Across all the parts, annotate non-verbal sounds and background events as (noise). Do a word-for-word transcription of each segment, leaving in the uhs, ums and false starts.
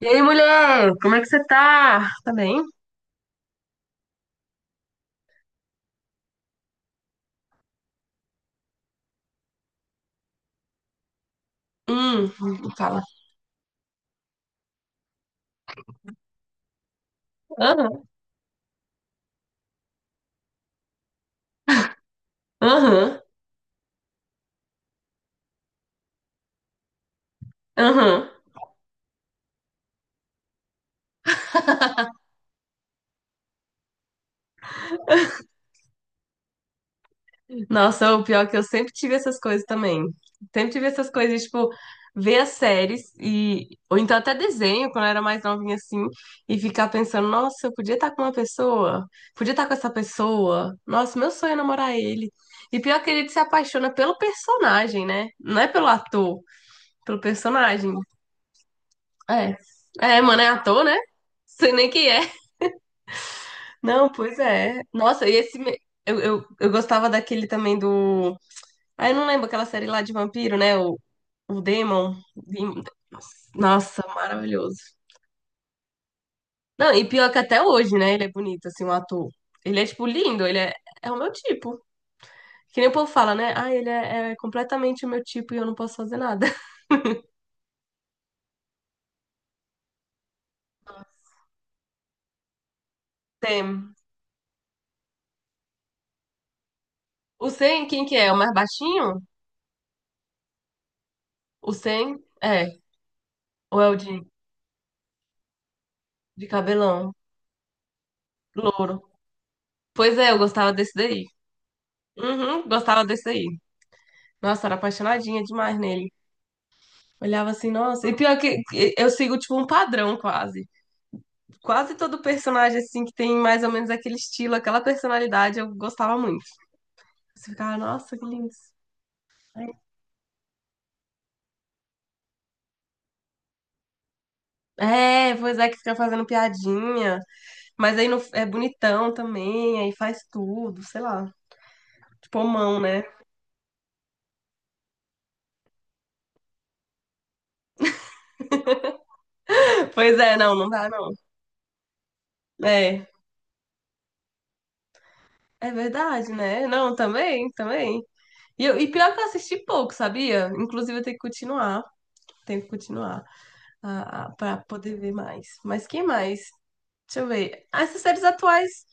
E aí, mulher, como é que você tá? Tá bem? Hum, fala. Aham, aham, aham. Nossa, o pior é que eu sempre tive essas coisas também. Sempre tive essas coisas, tipo, ver as séries e... Ou então até desenho, quando eu era mais novinha, assim, e ficar pensando, nossa, eu podia estar com uma pessoa, podia estar com essa pessoa. Nossa, meu sonho é namorar ele. E pior que ele se apaixona pelo personagem, né? Não é pelo ator, pelo personagem. É. É, mano, é ator, né? Sei nem quem é. Não, pois é. Nossa, e esse. me- Eu, eu, eu gostava daquele também do. Ah, eu não lembro aquela série lá de vampiro, né? O, o Demon. Dem- Nossa, maravilhoso. Não, e pior que até hoje, né? Ele é bonito, assim, o ator. Ele é, tipo, lindo, ele é, é o meu tipo. Que nem o povo fala, né? Ah, ele é, é completamente o meu tipo e eu não posso fazer nada. (laughs) Tem. O Sen, quem que é? O mais baixinho? O Sen? É. Ou é o de, de cabelão? Louro. Pois é, eu gostava desse daí. Uhum, gostava desse daí. Nossa, era apaixonadinha demais nele. Olhava assim, nossa. E pior que que eu sigo, tipo, um padrão quase. Quase todo personagem, assim, que tem mais ou menos aquele estilo, aquela personalidade, eu gostava muito. Você ficava, nossa, que lindo. É, pois é, que fica fazendo piadinha. Mas aí no, é bonitão também, aí faz tudo, sei lá. Tipo, mão, né? (laughs) Pois é, não, não dá, não. É, é verdade, né? Não, também, também. E, eu, e pior que eu assisti pouco, sabia? Inclusive, eu tenho que continuar. Tenho que continuar. Para poder ver mais. Mas quem mais? Deixa eu ver. Ah, essas séries atuais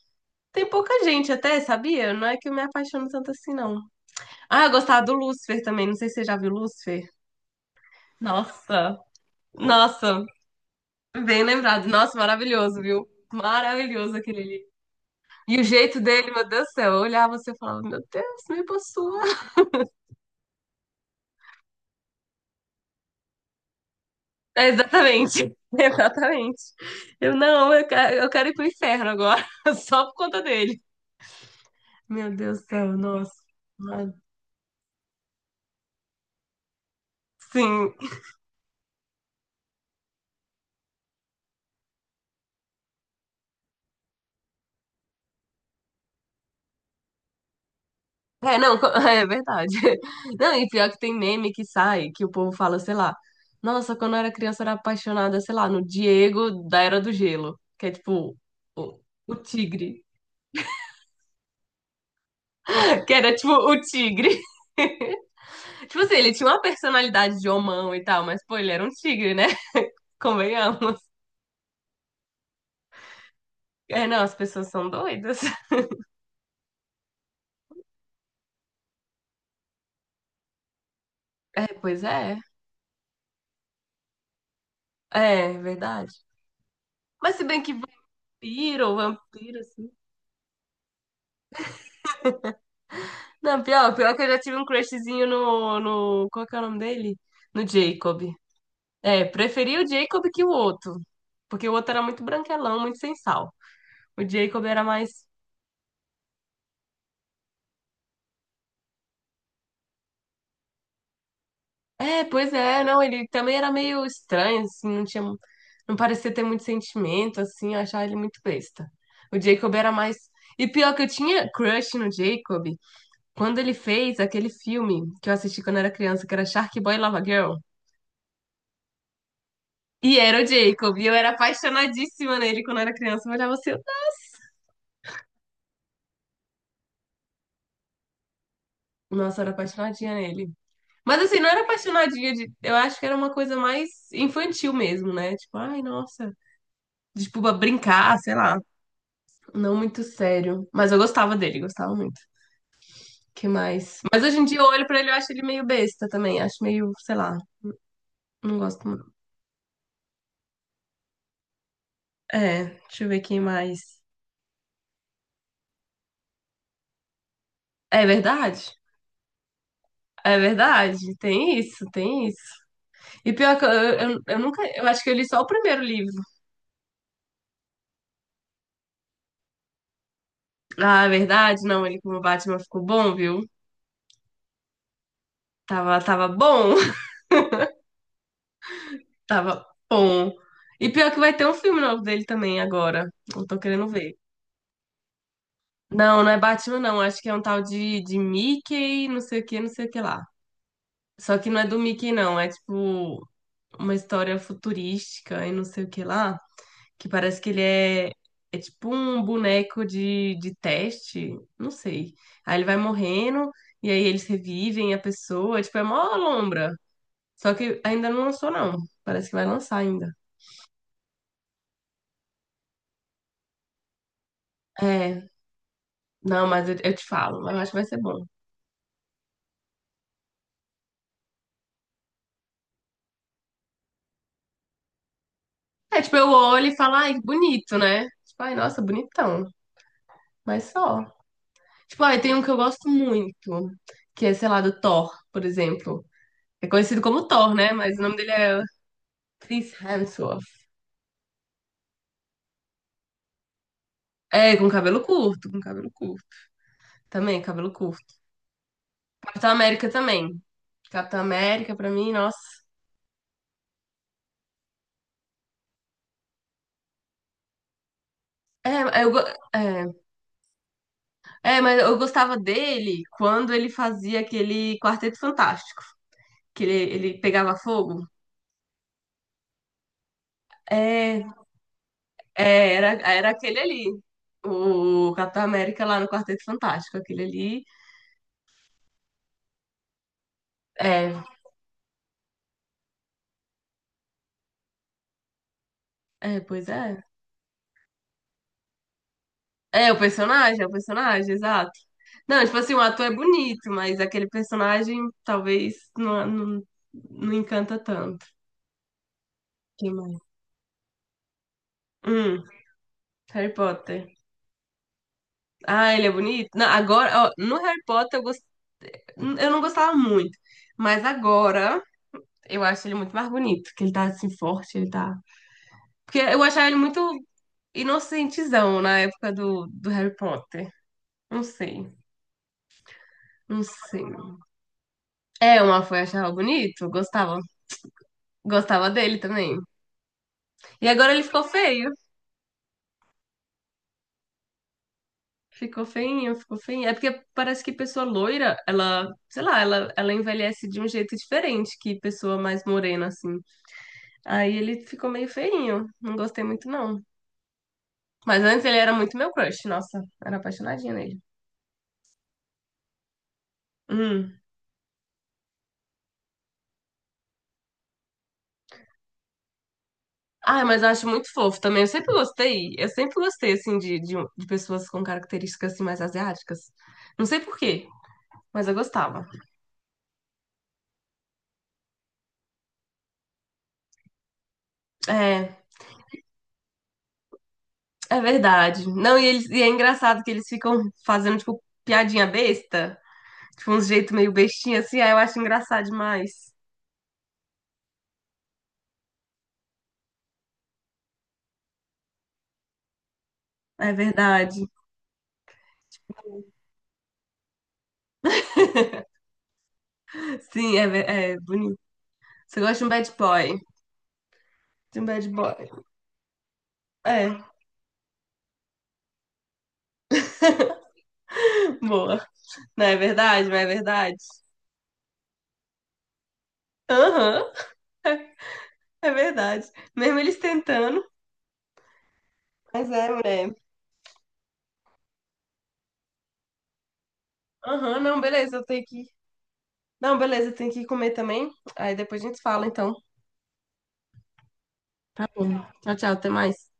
tem pouca gente até, sabia? Não é que eu me apaixono tanto assim, não. Ah, eu gostava do Lucifer também. Não sei se você já viu Lucifer. Nossa, nossa, bem lembrado. Nossa, maravilhoso, viu? Maravilhoso aquele ali. E o jeito dele, meu Deus do céu, eu olhava você e falava, meu Deus, me possua. É, exatamente, (laughs) exatamente. Eu não, eu quero, eu quero ir pro inferno agora, (laughs) só por conta dele. Meu Deus do céu, nossa. Sim. É, não, co- (laughs) é verdade. Não, e pior que tem meme que sai, que o povo fala, sei lá, nossa, quando eu era criança eu era apaixonada, sei lá, no Diego da Era do Gelo, que é tipo o, o tigre. (laughs) Que era tipo o tigre. (laughs) Tipo assim, ele tinha uma personalidade de homão e tal, mas pô, ele era um tigre, né? (laughs) Convenhamos. É, não, as pessoas são doidas. (laughs) É, pois é. É, verdade. Mas se bem que vampiro, vampiro, assim. Não, pior, pior que eu já tive um crushzinho no, no. Qual que é o nome dele? No Jacob. É, preferi o Jacob que o outro. Porque o outro era muito branquelão, muito sem sal. O Jacob era mais. É, pois é, não, ele também era meio estranho, assim, não tinha. Não parecia ter muito sentimento, assim, eu achava ele muito besta. O Jacob era mais. E pior que eu tinha crush no Jacob quando ele fez aquele filme que eu assisti quando era criança, que era Shark Boy e Lava Girl. E era o Jacob. E eu era apaixonadíssima nele quando eu era criança. Eu olhava assim, eu- nossa, eu era apaixonadinha nele. Mas assim, não era apaixonadinha de. Eu acho que era uma coisa mais infantil mesmo, né? Tipo, ai, nossa. Tipo, pra brincar, sei lá. Não muito sério. Mas eu gostava dele, gostava muito. Que mais? Mas hoje em dia eu olho pra ele e acho ele meio besta também. Acho meio, sei lá. Não gosto muito. É, deixa eu ver quem mais. É verdade? É verdade. Tem isso, tem isso. E pior que eu, eu, eu nunca. Eu acho que eu li só o primeiro livro. Ah, é verdade? Não, ele como Batman ficou bom, viu? Tava, tava bom. (laughs) Tava bom. E pior que vai ter um filme novo dele também agora. Eu tô querendo ver. Não, não é Batman, não. Acho que é um tal de, de Mickey, não sei o que, não sei o que lá. Só que não é do Mickey, não. É tipo uma história futurística e não sei o que lá. Que parece que ele é, é tipo um boneco de, de teste. Não sei. Aí ele vai morrendo e aí eles revivem a pessoa. Tipo, é mó lombra. Só que ainda não lançou, não. Parece que vai lançar ainda. É, não, mas eu, eu te falo, mas eu acho que vai ser bom. É, tipo, eu olho e falo, ai, bonito, né? Tipo, ai, nossa, bonitão. Mas só. Tipo, ai, tem um que eu gosto muito, que é, sei lá, do Thor, por exemplo. É conhecido como Thor, né? Mas o nome dele é Chris Hemsworth. É, com cabelo curto, com cabelo curto. Também, cabelo curto. Capitão América também. Capitão América, pra mim, nossa. É, eu, go- é. É, mas eu gostava dele quando ele fazia aquele Quarteto Fantástico, que ele, ele pegava fogo. É, é, era, era aquele ali, o Capitão América lá no Quarteto Fantástico, aquele ali. É, é, pois é. É, o personagem, é o personagem, exato. Não, tipo assim, o ator é bonito, mas aquele personagem talvez não, não não encanta tanto. Quem mais? Hum, Harry Potter. Ah, ele é bonito? Não, agora, ó, no Harry Potter eu gostava. Hum, Eu não gostava muito. Mas agora eu acho ele muito mais bonito. Que ele tá assim forte, ele tá. Porque eu achava ele muito inocentezão na época do, do Harry Potter. Não sei. Não sei. É, o Malfoy eu achava bonito. Eu gostava. Gostava dele também. E agora ele ficou feio. Ficou feinho, ficou feinho. É porque parece que pessoa loira, ela, sei lá, ela, ela envelhece de um jeito diferente que pessoa mais morena, assim. Aí ele ficou meio feinho. Não gostei muito, não. Mas antes ele era muito meu crush, nossa, era apaixonadinha nele. Hum. Ah, mas eu acho muito fofo também. Eu sempre gostei, eu sempre gostei, assim, de, de, de pessoas com características, assim, mais asiáticas. Não sei por quê, mas eu gostava. É, é verdade. Não, e, eles, e é engraçado que eles ficam fazendo, tipo, piadinha besta, tipo, uns jeito meio bestinha, assim, aí eu acho engraçado demais. É verdade. Sim, é, ve- é bonito. Você gosta de um bad boy. De um bad boy. É, (laughs) boa. Não é verdade? Não é verdade? Aham, é verdade. Mesmo eles tentando. Mas é, mulher. Aham, não, beleza, eu tenho que. Não, beleza, eu tenho que comer também. Aí depois a gente fala, então. Tá bom. Tchau, tchau, até mais.